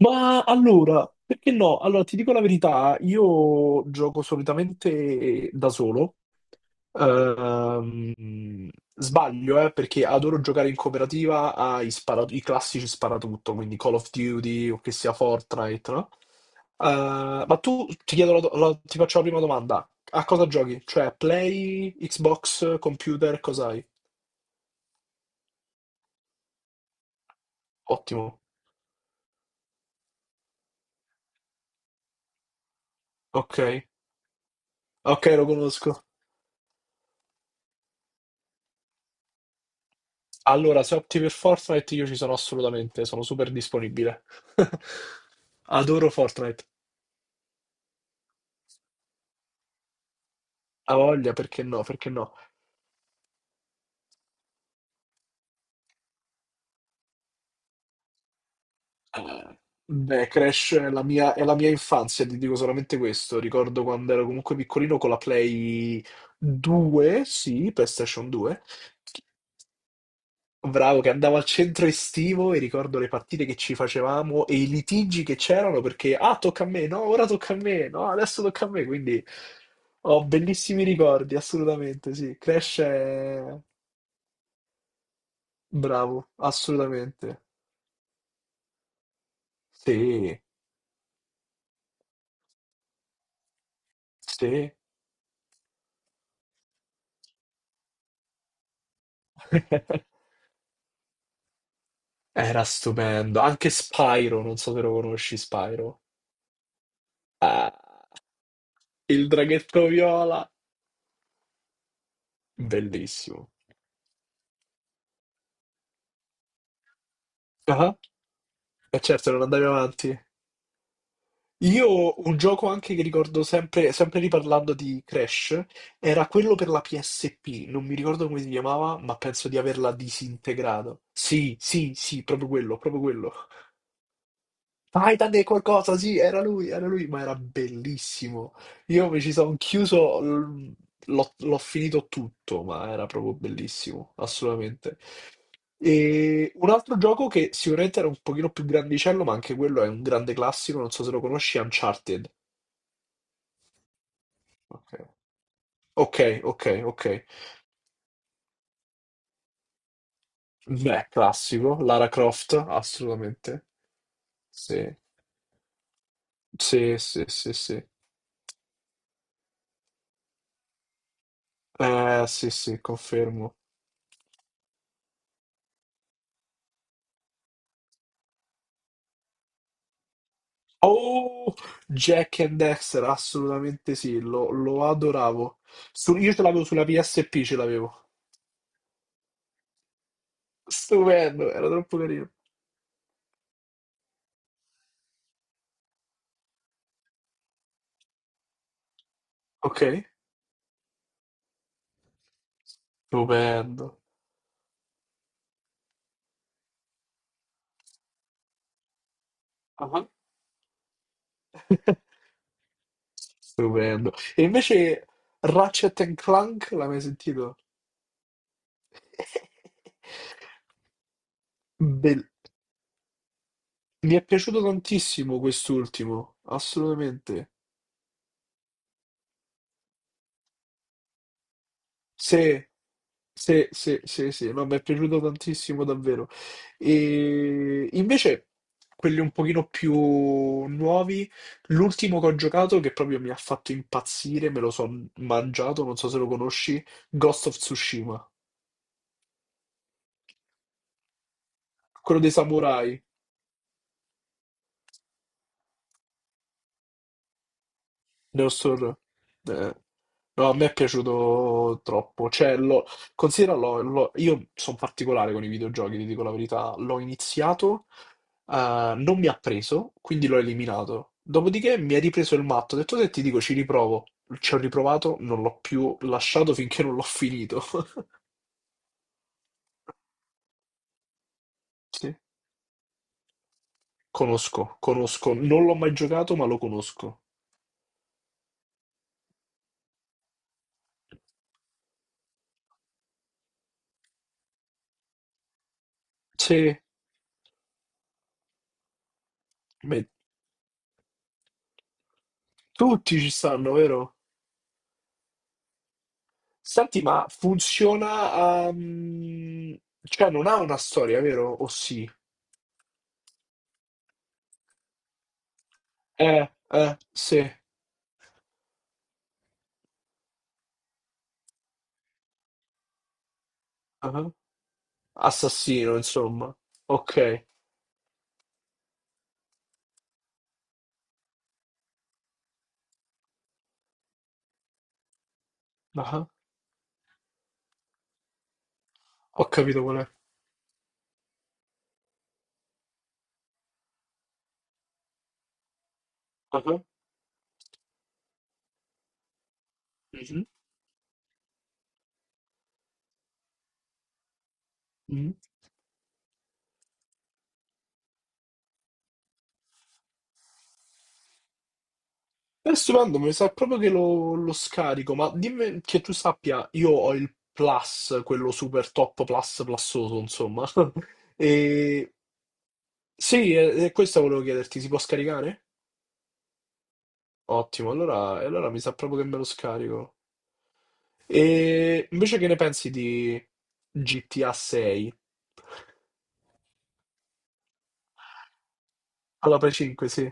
Ma allora, perché no? Allora, ti dico la verità, io gioco solitamente da solo. Ehm, sbaglio, perché adoro giocare in cooperativa i classici sparatutto, quindi Call of Duty o che sia Fortnite, no? Ma tu, ti chiedo ti faccio la prima domanda. A cosa giochi? Cioè, Play, Xbox, computer, cos'hai? Ottimo. Ok. Ok, lo conosco. Allora, se opti per Fortnite io ci sono assolutamente, sono super disponibile. Adoro Fortnite. A voglia, perché no? Perché no? Eh, beh, Crash è la mia infanzia, ti dico solamente questo. Ricordo quando ero comunque piccolino con la Play 2, sì, PlayStation 2. Bravo, che andavo al centro estivo e ricordo le partite che ci facevamo e i litigi che c'erano perché, ah, tocca a me, no, ora tocca a me, no, adesso tocca a me, quindi ho bellissimi ricordi, assolutamente, sì. Crash è bravo, assolutamente. Sì, sì. Era stupendo. Anche Spyro, non so se lo conosci, Spyro. Ah, il draghetto viola, bellissimo. Ah, e certo, non andavi avanti. Io un gioco anche che ricordo sempre, sempre riparlando di Crash, era quello per la PSP, non mi ricordo come si chiamava, ma penso di averla disintegrato. Sì, sì, sì, proprio quello, proprio quello. Titan è qualcosa, sì, era lui, ma era bellissimo. Io mi ci sono chiuso, l'ho finito tutto, ma era proprio bellissimo, assolutamente. E un altro gioco che sicuramente era un pochino più grandicello, ma anche quello è un grande classico, non so se lo conosci, è Uncharted. Ok, ok, ok, ok. Beh, classico. Lara Croft, assolutamente. Sì, sì, sì, sì, sì. Sì, sì, confermo. Oh, Jack and Dexter, assolutamente sì, lo, lo adoravo. Io ce l'avevo sulla PSP, ce l'avevo. Stupendo, era troppo carino. Ok, stupendo. Ah. Stupendo. E invece Ratchet and Clank, l'hai mai sentito? Bellissimo. Mi è piaciuto tantissimo quest'ultimo, assolutamente. Se, se, se, se, se, no, mi è piaciuto tantissimo davvero. E invece quelli un pochino più nuovi, l'ultimo che ho giocato che proprio mi ha fatto impazzire, me lo sono mangiato, non so se lo conosci, Ghost of Tsushima, quello dei samurai. Neostor, eh, no, a me è piaciuto troppo. Cioè, lo, considera, io sono particolare con i videogiochi, ti dico la verità. L'ho iniziato, non mi ha preso, quindi l'ho eliminato. Dopodiché mi ha ripreso il matto, ho detto te ti dico ci riprovo. Ci ho riprovato, non l'ho più lasciato finché non l'ho finito. Sì. Conosco, conosco. Non l'ho mai giocato, ma lo conosco. Sì, beh, tutti ci stanno, vero? Senti, ma funziona, cioè, non ha una storia, vero? O sì? Sì. Ah, assassino, insomma. Ok. Ah, ho capito qual è. Ah, mhm, mhm. È stupendo, mi sa proprio che lo scarico, ma dimmi che tu sappia, io ho il plus, quello super top plus plussoso, insomma. E sì, e questo volevo chiederti, si può scaricare? Ottimo, allora, e allora mi sa proprio che me lo scarico. E invece che ne pensi di GTA 6? Alla Play 5, sì.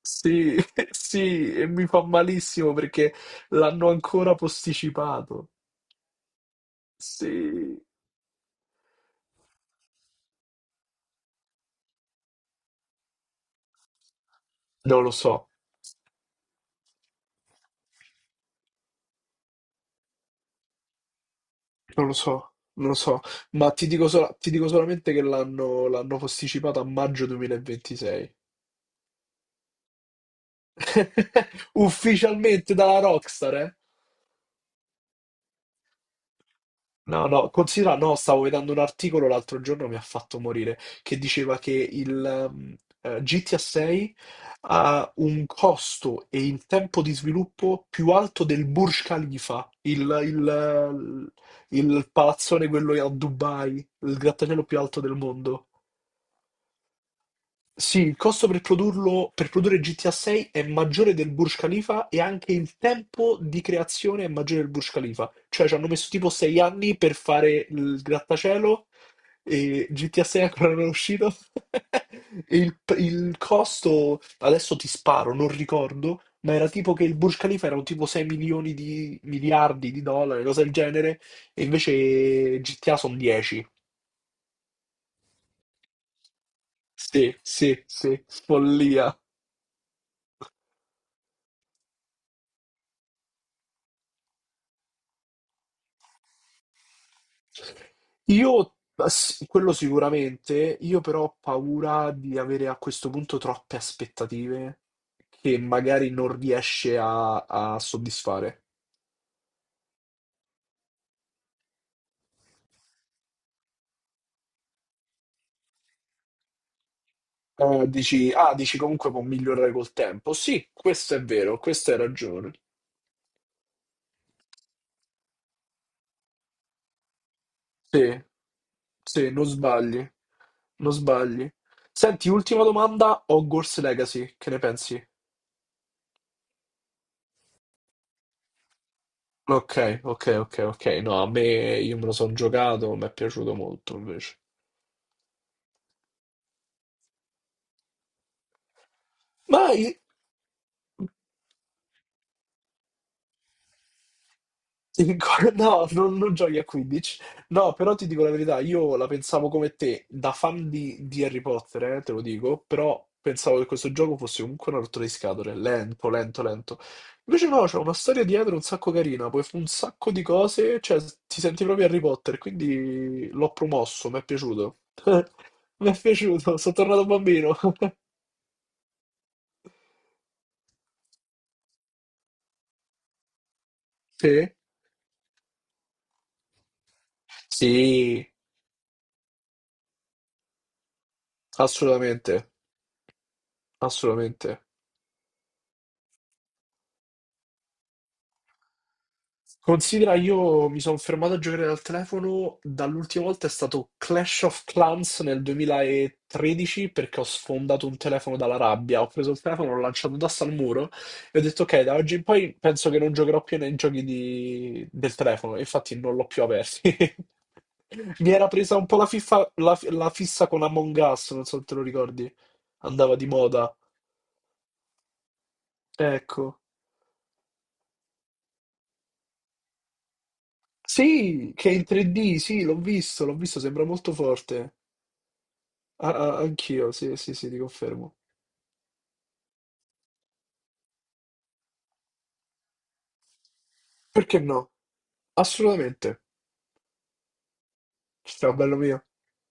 Sì, sì, e mi fa malissimo perché l'hanno ancora posticipato. Sì. Non lo so, non lo so, non lo so, ma ti dico, ti dico solamente che l'hanno posticipato a maggio 2026. Ufficialmente dalla Rockstar, eh? No, no, considera, no, stavo vedendo un articolo l'altro giorno, mi ha fatto morire, che diceva che il GTA 6 ha un costo e il tempo di sviluppo più alto del Burj Khalifa, il palazzone quello a Dubai, il grattacielo più alto del mondo. Sì, il costo per produrlo, per produrre GTA 6 è maggiore del Burj Khalifa e anche il tempo di creazione è maggiore del Burj Khalifa. Cioè ci hanno messo tipo 6 anni per fare il grattacielo e GTA 6 ancora non è uscito. E il costo, adesso ti sparo, non ricordo, ma era tipo che il Burj Khalifa erano tipo 6 milioni di miliardi di dollari, cose del genere, e invece GTA sono 10. Sì, sì, sì, follia. Io, quello sicuramente, io però ho paura di avere a questo punto troppe aspettative che magari non riesce a soddisfare. Dici, ah, dici comunque può migliorare col tempo. Sì, questo è vero, questa hai ragione. Sì, sì, non sbagli, non sbagli. Senti, ultima domanda, Hogwarts Legacy, che ne pensi? Ok, ok, ok, ok. No, a me io me lo sono giocato, mi è piaciuto molto invece. Ma i- No, non giochi a 15. No, però ti dico la verità, io la pensavo come te, da fan di Harry Potter, te lo dico, però pensavo che questo gioco fosse comunque una rottura di scatole, lento, lento, lento. Invece no, c'è una storia dietro un sacco carina, puoi fare un sacco di cose, cioè ti senti proprio Harry Potter, quindi l'ho promosso, mi è piaciuto. Mi è piaciuto, sono tornato bambino. Sì? Sì, assolutamente. Assolutamente. Considera, io mi sono fermato a giocare dal telefono, dall'ultima volta è stato Clash of Clans nel 2013 perché ho sfondato un telefono dalla rabbia, ho preso il telefono, l'ho lanciato d'asta al muro e ho detto ok, da oggi in poi penso che non giocherò più nei giochi del telefono, e infatti non l'ho più aperto. Mi era presa un po' la, fiffa- la la fissa con Among Us, non so se te lo ricordi, andava di moda. Ecco. Sì, che è in 3D, sì, l'ho visto, sembra molto forte. Ah, ah, anch'io, sì, sì, sì, ti confermo. Perché no? Assolutamente. Ciao, bello mio.